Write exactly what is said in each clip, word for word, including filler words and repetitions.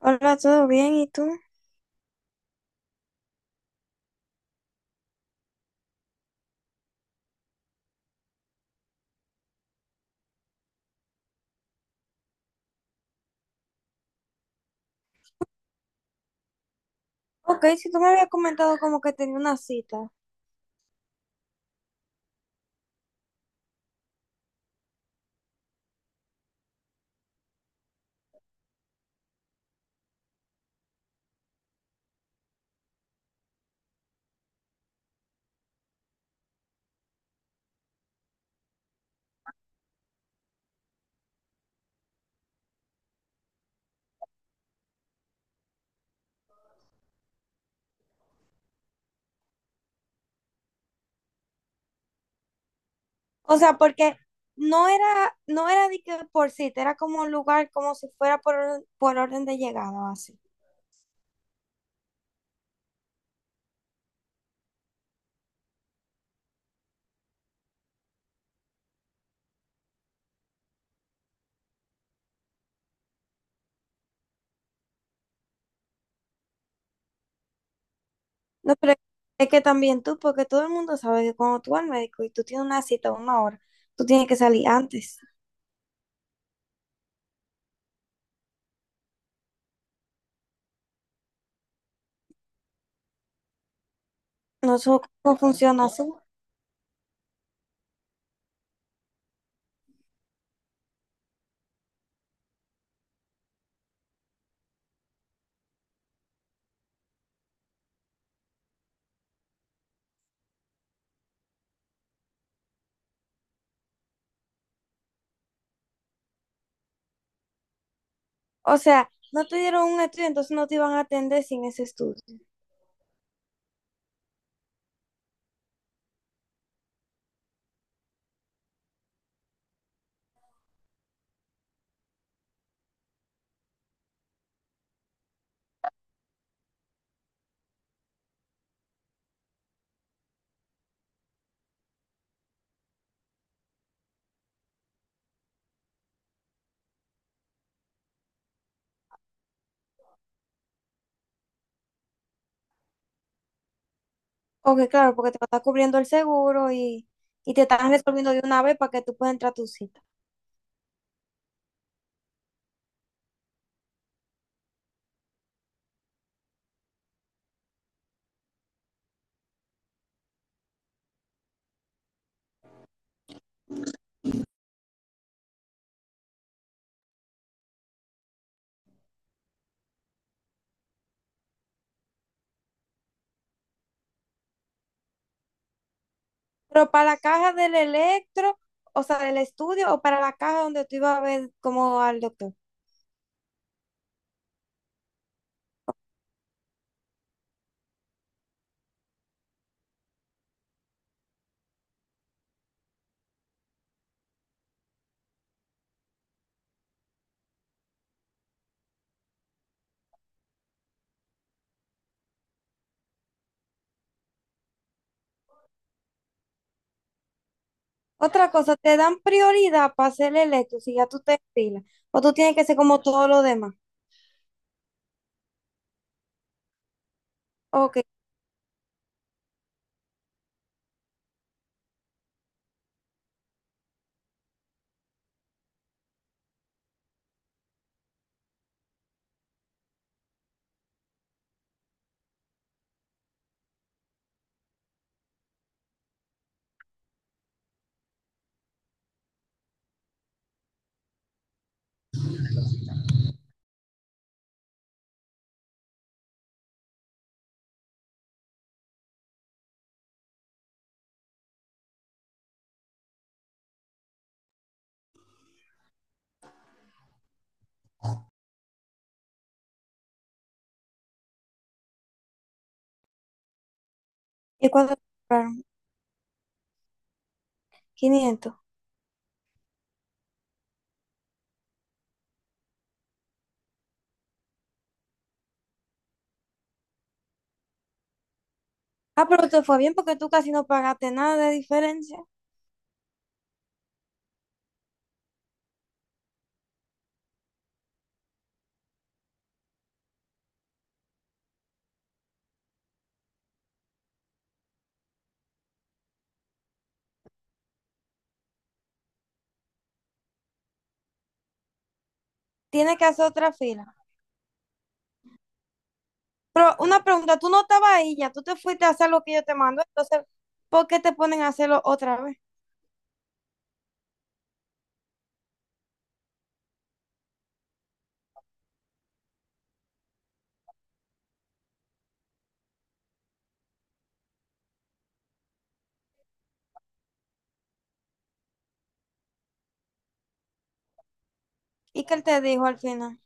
Hola, ¿todo bien? ¿Y tú? Ok, si tú me habías comentado como que tenía una cita. O sea, porque no era, no era de que por cita, era como un lugar como si fuera por, or- por orden de llegada o así. No, pero es que también tú, porque todo el mundo sabe que cuando tú vas al médico y tú tienes una cita a una hora, tú tienes que salir antes. No sé cómo funciona así. O sea, no te dieron un estudio, entonces no te iban a atender sin ese estudio. Ok, claro, porque te lo está cubriendo el seguro y, y te están resolviendo de una vez para que tú puedas entrar a tu cita. Pero para la caja del electro, o sea, del estudio, o para la caja donde tú ibas a ver como al doctor. Otra cosa, te dan prioridad para hacer el electro si ya tú te pilas. O tú tienes que ser como todos los demás. Ok. ¿Y cuánto te pagaron? quinientos. Ah, pero te fue bien porque tú casi no pagaste nada de diferencia. Tienes que hacer otra fila. Pero una pregunta, tú no estabas ahí ya, tú te fuiste a hacer lo que yo te mando, entonces, ¿por qué te ponen a hacerlo otra vez? ¿Y qué él te dijo al final?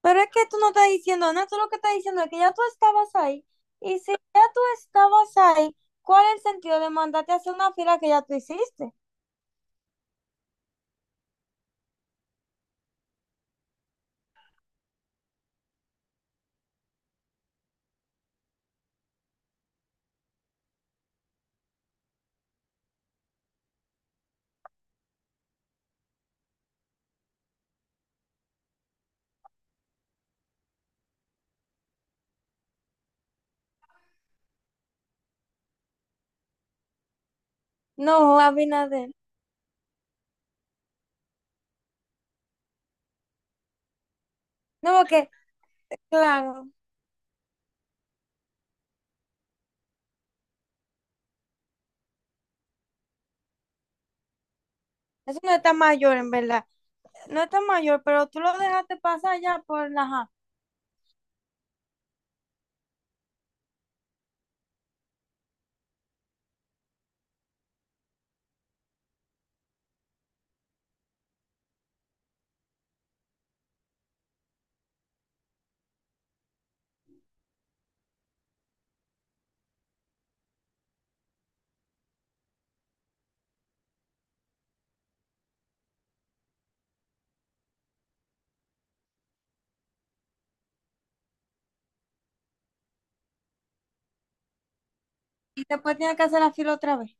Pero es que tú no estás diciendo nada, tú lo que estás diciendo es que ya tú estabas ahí. Y si ya tú estabas ahí, ¿cuál es el sentido de mandarte a hacer una fila que ya tú hiciste? No, Abinader. No, porque, claro, eso no está mayor, en verdad. No está mayor, pero tú lo dejaste pasar ya por la ja. Y después tienes que hacer la fila otra vez.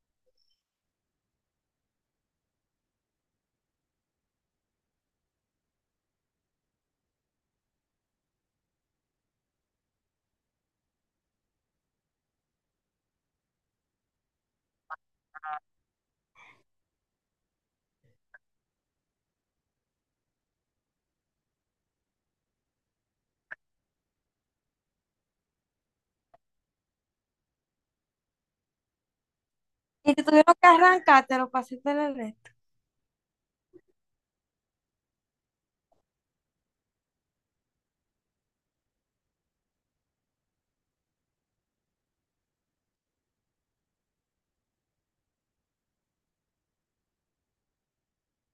Y te tuvieron que arrancártelo para hacerte el resto.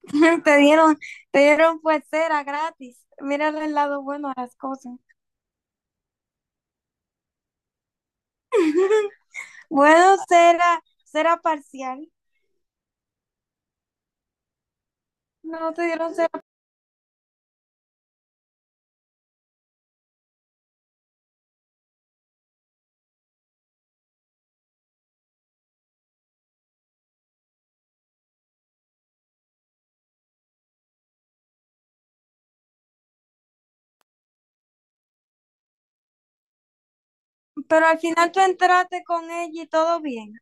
Te dieron, te dieron pues cera gratis. Mira el lado bueno a las cosas. Bueno, cera, cera parcial. No te dieron. Pero al final tú entraste con ella y todo bien.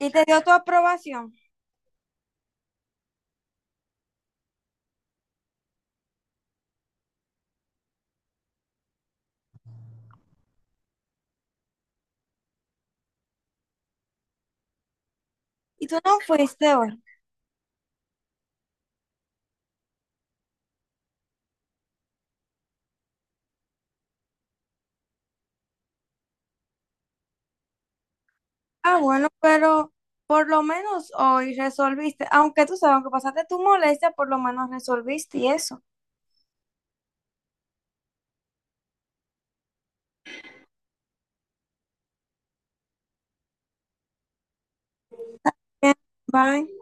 Y te dio tu aprobación. Y tú no fuiste hoy. Ah, bueno, pero por lo menos hoy resolviste. Aunque tú sabes, aunque pasaste tu molestia, por lo menos resolviste y eso. Bien, bye.